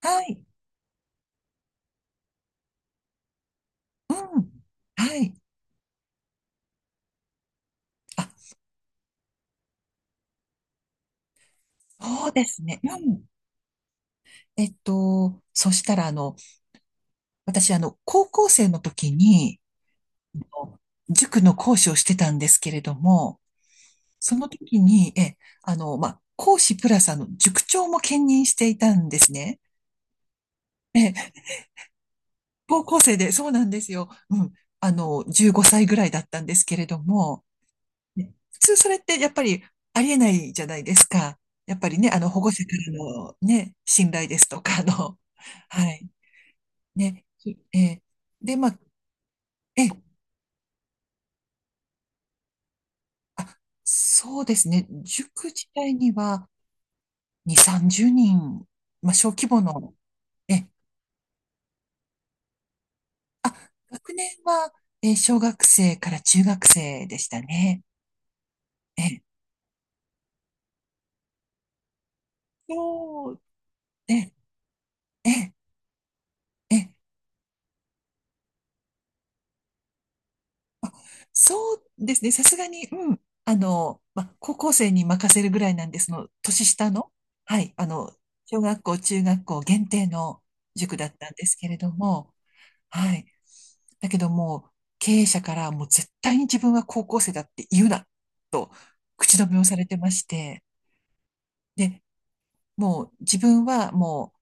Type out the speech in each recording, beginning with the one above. はい。うん。はい。あ、そうですね。うん。そしたら、私、高校生の時に、あの塾の講師をしてたんですけれども、その時に、え、あの、まあ、講師プラス、塾長も兼任していたんですね。え、高校生で、そうなんですよ。うん。15歳ぐらいだったんですけれども、ね、普通それってやっぱりありえないじゃないですか。やっぱりね、保護者からのね、信頼ですとか、はい。ね、えーで、まあ、えー、あ、そうですね。塾自体には2、30人、まあ、小規模の、えー、あ、学年は、小学生から中学生でしたね。えー、そう、えー、えー、えーそうですね。さすがに、うん。ま、高校生に任せるぐらいなんです、その、年下の、はい、小学校、中学校限定の塾だったんですけれども、はい。だけどもう、経営者からもう絶対に自分は高校生だって言うな、と口止めをされてまして、で、もう自分はもう、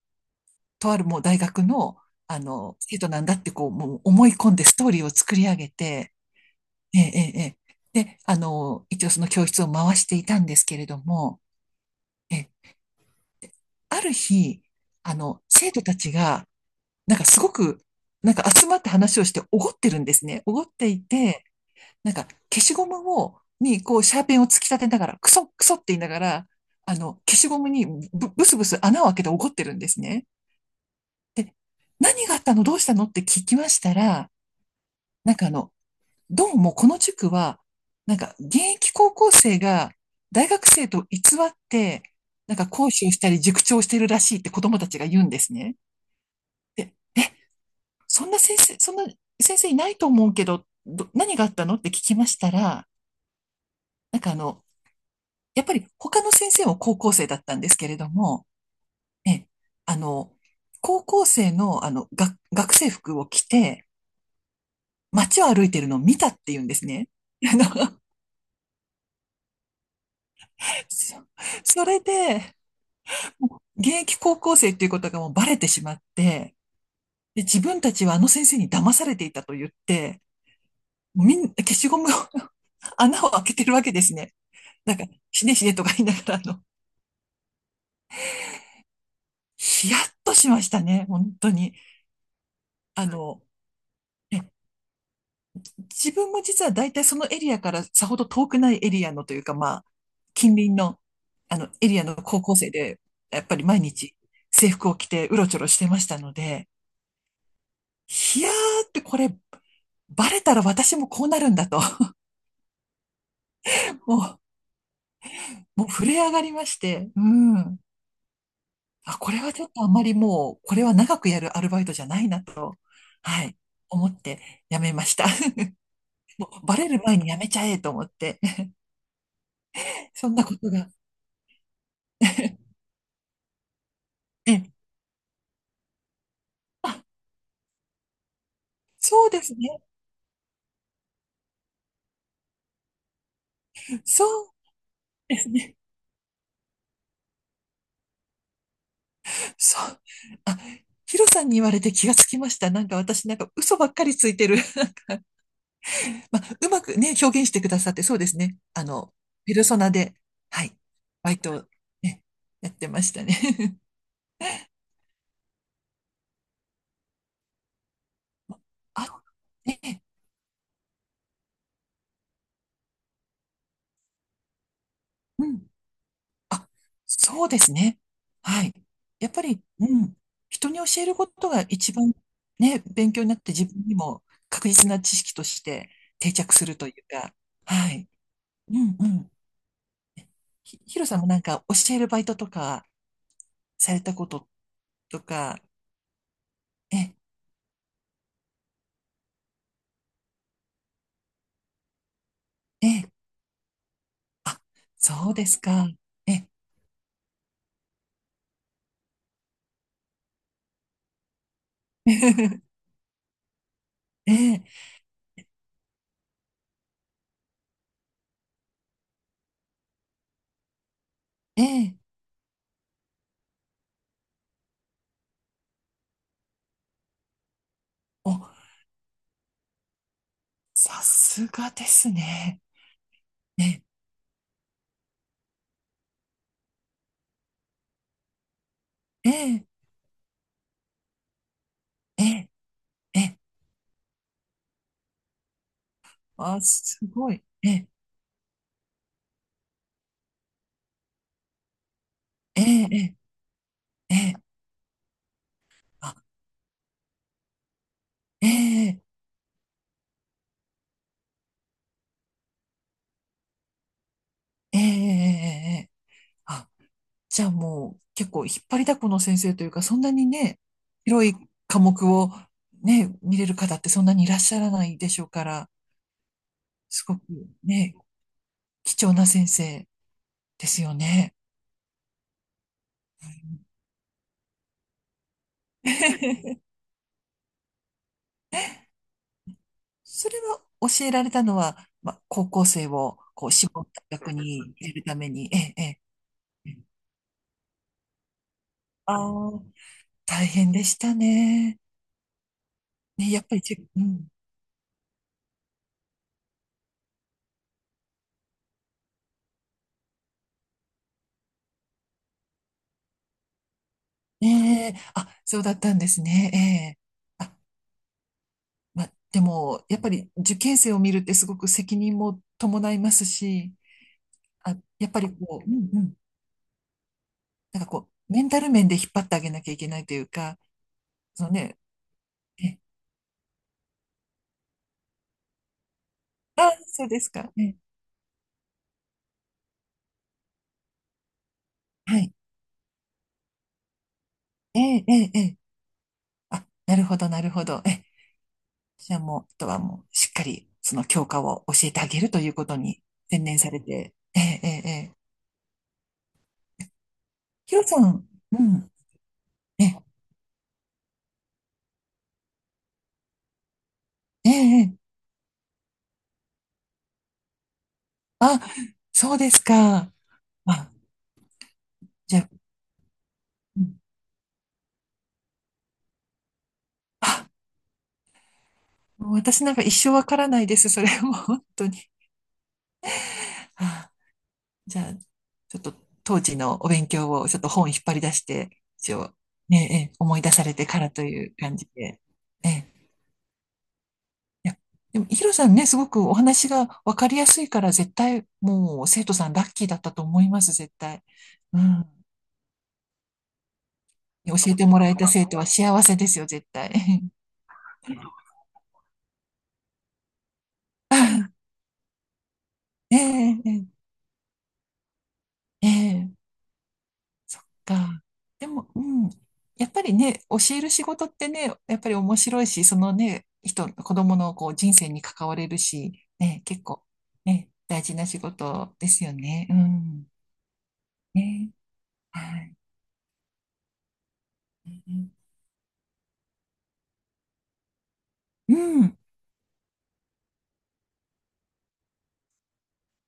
とあるもう大学の、生徒なんだってこう、もう思い込んでストーリーを作り上げて、ええ、ええ、ええ、で、一応その教室を回していたんですけれども、え、ある日、生徒たちが、なんかすごく、なんか集まって話をしておごってるんですね。おごっていて、なんか消しゴムを、に、こう、シャーペンを突き立てながら、クソ、クソって言いながら、消しゴムにブスブス穴を開けておごってるんですね。で、何があったの、どうしたのって聞きましたら、なんかどうもこの塾は、なんか現役高校生が大学生と偽って、なんか講師をしたり塾長をしてるらしいって子供たちが言うんですね。で、そんな先生いないと思うけど、何があったのって聞きましたら、なんかやっぱり他の先生も高校生だったんですけれども、え、あの、高校生のが学生服を着て街を歩いてるのを見たって言うんですね。あの、そそれで、もう現役高校生っていうことがもうバレてしまって、で、自分たちはあの先生に騙されていたと言って、みんな消しゴムを 穴を開けてるわけですね。なんか、死ね死ねとか言いながら、ヒヤッとしましたね、本当に。あの、え自分も実は大体そのエリアからさほど遠くないエリアのというか、まあ、近隣の、エリアの高校生で、やっぱり毎日制服を着てうろちょろしてましたので、いやーって、これ、バレたら私もこうなるんだと。ももう震え上がりまして。うん。あ、これはちょっとあんまりもう、これは長くやるアルバイトじゃないなと。はい。思って辞めました。もうバレる前に辞めちゃえと思って。そんなことが。ええ。あ、そうですね。そうですね。そう。あ、ヒロさんに言われて気がつきました。なんか私なんか嘘ばっかりついてる。まあ、うまくね、表現してくださって、そうですね。ペルソナで、はい、バイトをね、やってましたね。あ、ね、うん。あ、そうですね。はい。やっぱり、うん。人に教えることが一番ね、勉強になって自分にも確実な知識として定着するというか、はい。うんうん。ヒロさんもなんか教えるバイトとかされたこととか、え、ええ、あ、そうですか。え、ええ、ええ、お、さすがですね。え、ええ、ええ、ええ、あ、すごい。ええ、ええ、ええ、ええ、あ、ええ、ええ、ええ、ええ、あ、じゃあもう結構引っ張りだこの先生というか、そんなにね、広い科目をね、見れる方ってそんなにいらっしゃらないでしょうから、すごくね、貴重な先生ですよね。それは教えられたのは、まあ、高校生をこう絞った役に入れるために、ええ、ええ。ああ、大変でしたね。ね、やっぱりうん。ねえ、あ、そうだったんですね。ええ。あ、まあ、でも、やっぱり受験生を見るってすごく責任も伴いますし、あ、やっぱりこう、うんうん。なんかこう、メンタル面で引っ張ってあげなきゃいけないというか、そのね、ええ、あ、そうですか。ええ、はい。ええ、ええ、ええ。あ、なるほど、なるほど。ええ、じゃあもう、あとはもう、しっかり、その教科を教えてあげるということに専念されて、ええ、ええ、ええ、ヒロさん、うん、ええ、ええ、ええ、あ、そうですか。あ、じゃあ、うん、あ、もう私なんか一生わからないです。それも本当に。あ、じゃあ、ちょっと当時のお勉強をちょっと本引っ張り出して、一応、ええ、ええ、思い出されてからという感じで。ええ、いや、でも、ヒロさんね、すごくお話が分かりやすいから、絶対、もう、生徒さんラッキーだったと思います、絶対。うん。教えてもらえた生徒は幸せですよ、絶対。ええ、ええ、ええ、そっか。でも、うん。やっぱりね、教える仕事ってね、やっぱり面白いし、そのね、子供のこう人生に関われるし、ね、結構、ね、大事な仕事ですよね。うん。ね、はい。うん。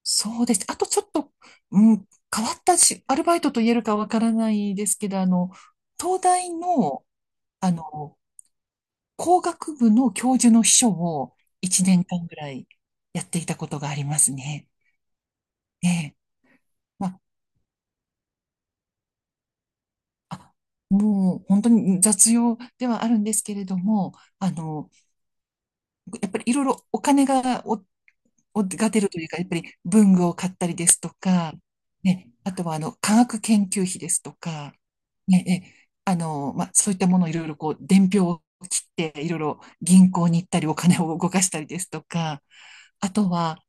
そうです。あとちょっと、うん、変わったし、アルバイトと言えるかわからないですけど、東大の、あの、工学部の教授の秘書を1年間ぐらいやっていたことがありますね。ええ。まあ、あ、もう本当に雑用ではあるんですけれども、あの、やっぱりいろいろお金がおをが出るというか、やっぱり文具を買ったりですとか、ね、あとはあの科学研究費ですとか、ね、えあの、まあ、そういったものをいろいろこう、伝票を切って、いろいろ銀行に行ったり、お金を動かしたりですとか、あとは、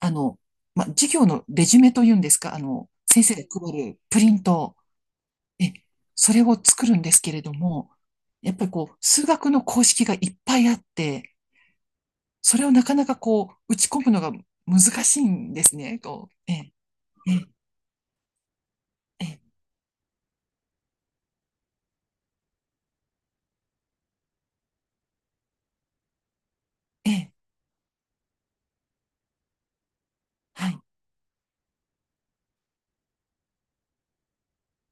あの、まあ、授業のレジュメというんですか、先生が配るプリント、え、それを作るんですけれども、やっぱりこう、数学の公式がいっぱいあって、それをなかなかこう、打ち込むのが難しいんですね。こう、ええ、ええ、ええ、ええ、はい。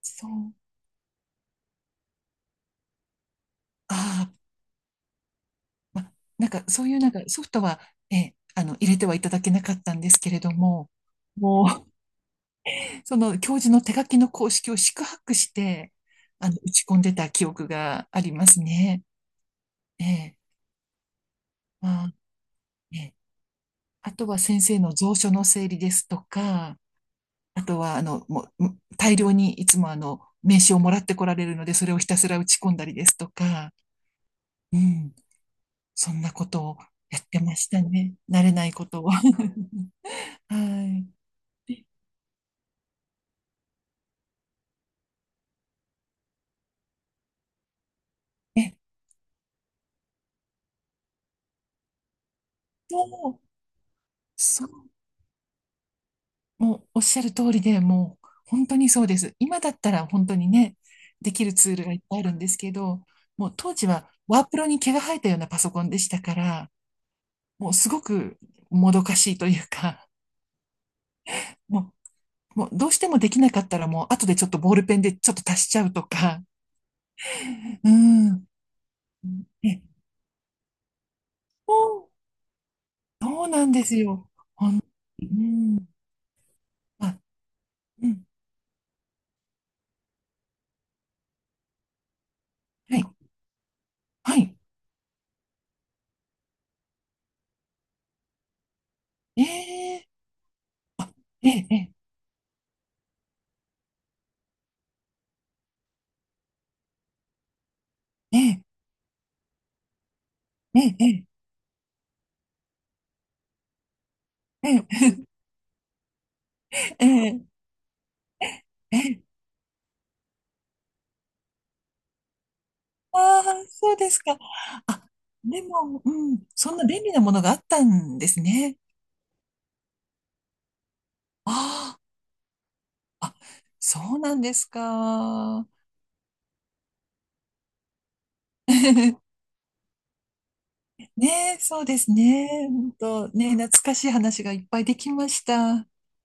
そう、ああ、ま、なんかそういうなんかソフトは、ええ、入れてはいただけなかったんですけれども、もう、その教授の手書きの公式を四苦八苦して、打ち込んでた記憶がありますね。ええ、ああ、ええ。あとは先生の蔵書の整理ですとか、あとは、もう、大量にいつも名刺をもらってこられるので、それをひたすら打ち込んだりですとか、うん、そんなことをやってましたね。慣れないことを。はい。えっと、そう、もうおっしゃる通りで、もう本当にそうです。今だったら本当にね、できるツールがいっぱいあるんですけど、もう当時はワープロに毛が生えたようなパソコンでしたから、もうすごくもどかしいというか、もうもうどうしてもできなかったらもう後でちょっとボールペンでちょっと足しちゃうとか。うん。え、そう、そうなんですよ。うん。あ、うん。はい。はい。えええええええええええええええああ、そうですか。あ、でも、うん。そんな便利なものがあったんですね。ああ、あ、そうなんですか。ねえ、そうですね。ね、懐かしい話がいっぱいできました。